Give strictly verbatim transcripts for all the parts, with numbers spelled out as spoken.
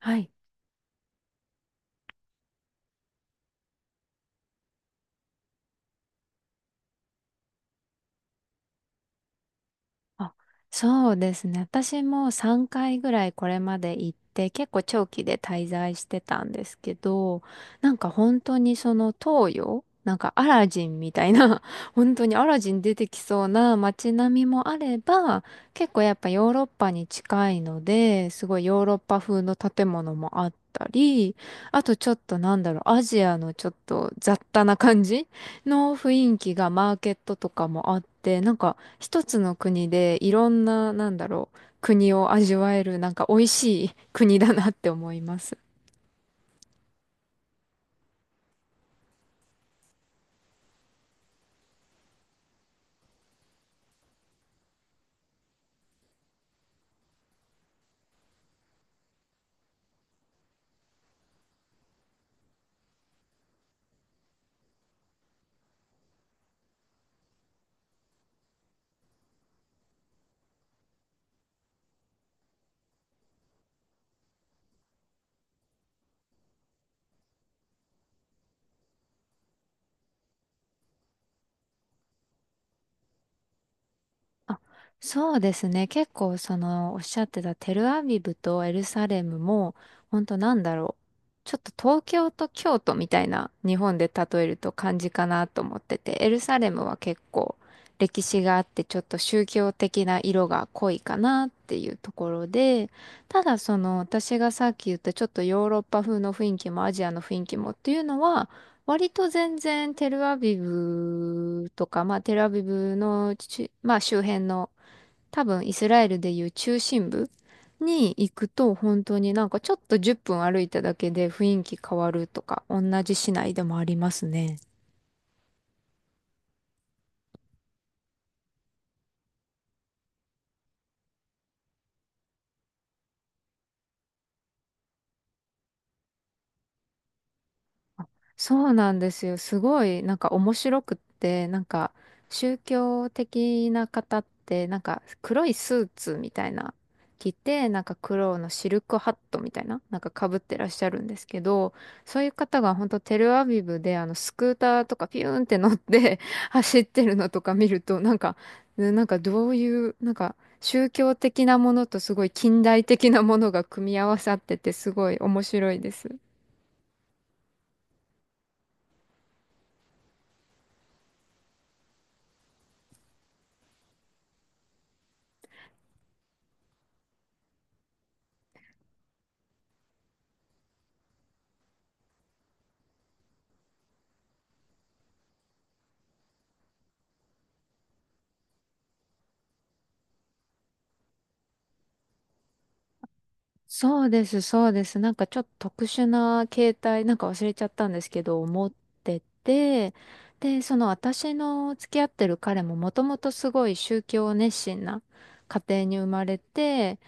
はい。あ、そうですね。私もさんかいぐらいこれまで行って、結構長期で滞在してたんですけど、なんか本当にその東洋、なんかアラジンみたいな、本当にアラジン出てきそうな街並みもあれば、結構やっぱヨーロッパに近いので、すごいヨーロッパ風の建物もあったり、あとちょっとなんだろう、アジアのちょっと雑多な感じの雰囲気がマーケットとかもあって、なんか一つの国でいろんな、なんだろう、国を味わえる、なんか美味しい国だなって思います。あ、そうですね。結構そのおっしゃってたテルアビブとエルサレムも本当なんだろう。ちょっと東京と京都みたいな日本で例えると感じかなと思ってて、エルサレムは結構歴史があってちょっと宗教的な色が濃いかなっていうところで、ただその私がさっき言ったちょっとヨーロッパ風の雰囲気もアジアの雰囲気もっていうのは割と全然テルアビブとか、まあテルアビブのち、まあ周辺の多分イスラエルでいう中心部に行くと本当になんかちょっとじゅっぷん歩いただけで雰囲気変わるとか同じ市内でもありますね。そうなんですよ。すごい、なんか面白くって、なんか宗教的な方って、なんか黒いスーツみたいな着て、なんか黒のシルクハットみたいな、なんか被ってらっしゃるんですけど、そういう方が本当テルアビブであのスクーターとかピューンって乗って 走ってるのとか見ると、なんか、ねなんかどういう、なんか宗教的なものとすごい近代的なものが組み合わさってて、すごい面白いです。そうです、そうです。なんかちょっと特殊な携帯、なんか忘れちゃったんですけど、持ってて、で、その私の付き合ってる彼ももともとすごい宗教熱心な家庭に生まれて、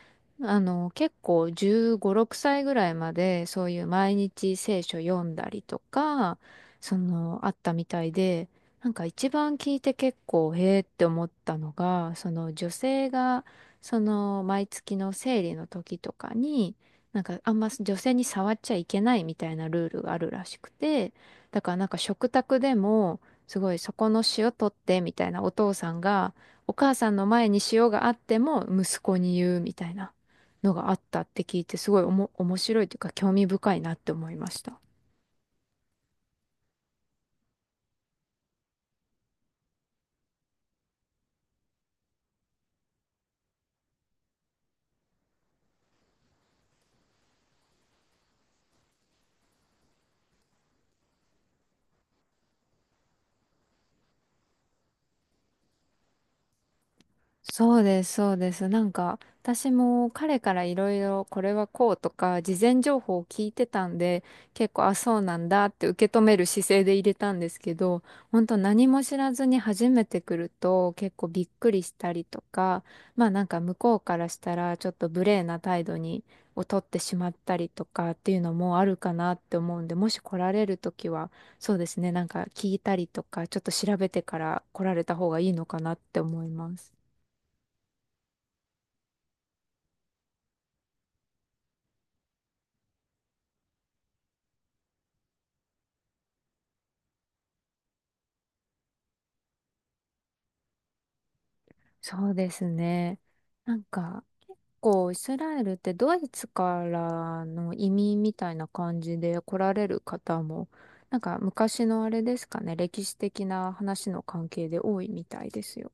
あの、結構じゅうご、ろくさいぐらいまでそういう毎日聖書読んだりとか、その、あったみたいで、なんか一番聞いて結構、へえって思ったのが、その女性がその毎月の生理の時とかに、なんかあんま女性に触っちゃいけないみたいなルールがあるらしくて、だからなんか食卓でも、すごいそこの塩取ってみたいなお父さんが、お母さんの前に塩があっても息子に言うみたいなのがあったって聞いて、すごいおも面白いというか興味深いなって思いました。そうです、そうです。なんか、私も彼からいろいろこれはこうとか、事前情報を聞いてたんで、結構、あ、そうなんだって受け止める姿勢で入れたんですけど、本当何も知らずに初めて来ると結構びっくりしたりとか、まあなんか向こうからしたらちょっと無礼な態度に、を取ってしまったりとかっていうのもあるかなって思うんで、もし来られるときは、そうですね、なんか聞いたりとか、ちょっと調べてから来られた方がいいのかなって思います。そうですね。なんか、結構イスラエルってドイツからの移民みたいな感じで来られる方も、なんか昔のあれですかね、歴史的な話の関係で多いみたいですよ。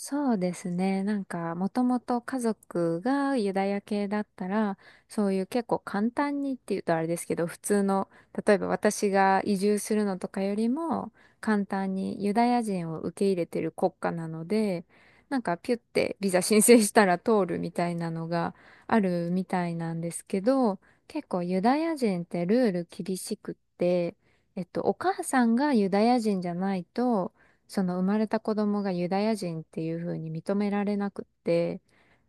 そうですね。なんか、もともと家族がユダヤ系だったら、そういう結構簡単にっていうとあれですけど、普通の、例えば私が移住するのとかよりも、簡単にユダヤ人を受け入れてる国家なので、なんかピュってビザ申請したら通るみたいなのがあるみたいなんですけど、結構ユダヤ人ってルール厳しくって、えっと、お母さんがユダヤ人じゃないと、その生まれた子供がユダヤ人っていう風に認められなくって、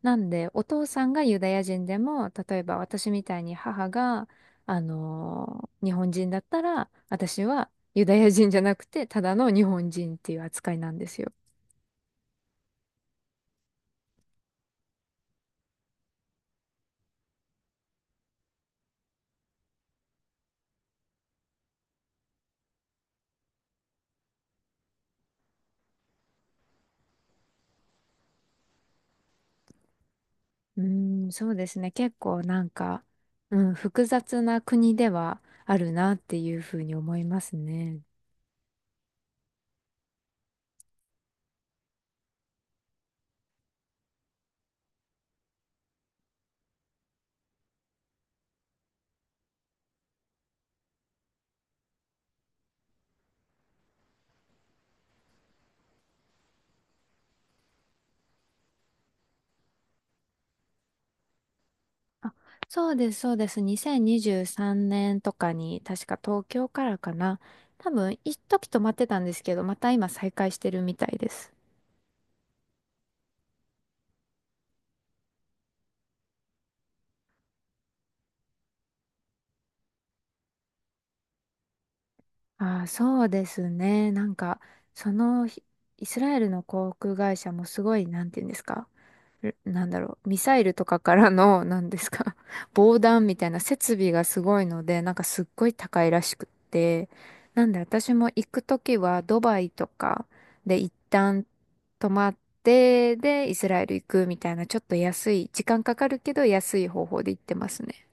なんでお父さんがユダヤ人でも、例えば私みたいに母が、あのー日本人だったら、私はユダヤ人じゃなくて、ただの日本人っていう扱いなんですよ。うーん、そうですね。結構なんか、うん、複雑な国ではあるなっていう風に思いますね。あ、そうです、そうです。にせんにじゅうさんねんとかに、確か東京からかな。多分、一時止まってたんですけど、また今再開してるみたいです。ああ、そうですね。なんか、そのひ、イスラエルの航空会社もすごい、なんていうんですか。なんだろう、ミサイルとかからの、なんですか、防弾みたいな設備がすごいので、なんかすっごい高いらしくって、なんで私も行くときはドバイとかで一旦泊まって、で、イスラエル行くみたいな、ちょっと安い、時間かかるけど安い方法で行ってますね。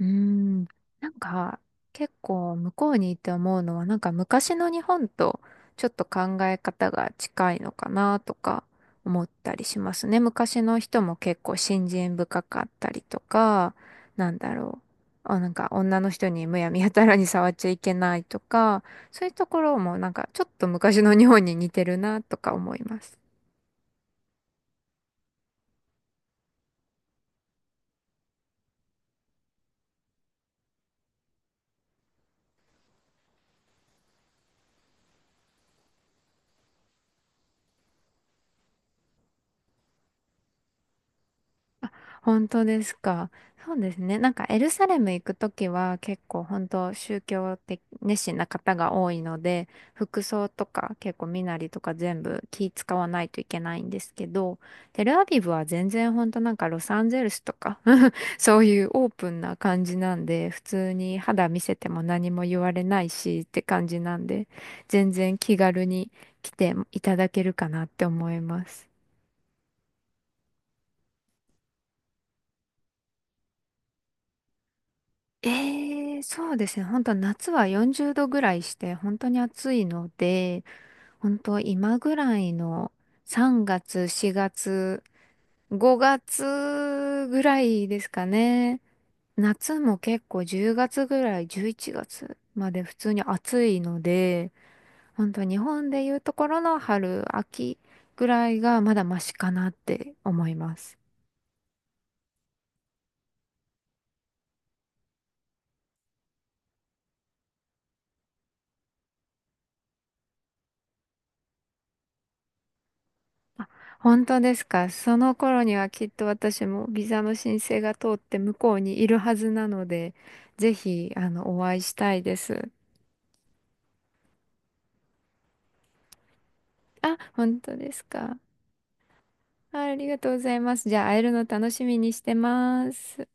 うーん、なんか結構向こうにいて思うのはなんか昔の日本とちょっと考え方が近いのかなとか思ったりしますね。昔の人も結構信心深かったりとか、なんだろう。あ、なんか女の人にむやみやたらに触っちゃいけないとか、そういうところもなんかちょっと昔の日本に似てるなとか思います。本当ですか。そうですね。なんかエルサレム行くときは結構本当宗教的熱心な方が多いので、服装とか結構身なりとか全部気使わないといけないんですけど、テルアビブは全然本当なんかロサンゼルスとか そういうオープンな感じなんで、普通に肌見せても何も言われないしって感じなんで、全然気軽に来ていただけるかなって思います。ええ、そうですね。本当夏はよんじゅうどぐらいして、本当に暑いので、本当今ぐらいのさんがつ、しがつ、ごがつぐらいですかね。夏も結構じゅうがつぐらい、じゅういちがつまで普通に暑いので、本当日本でいうところの春、秋ぐらいがまだマシかなって思います。本当ですか。その頃にはきっと私もビザの申請が通って向こうにいるはずなので、ぜひ、あの、お会いしたいです。あ、本当ですか。あ、ありがとうございます。じゃあ、会えるの楽しみにしてます。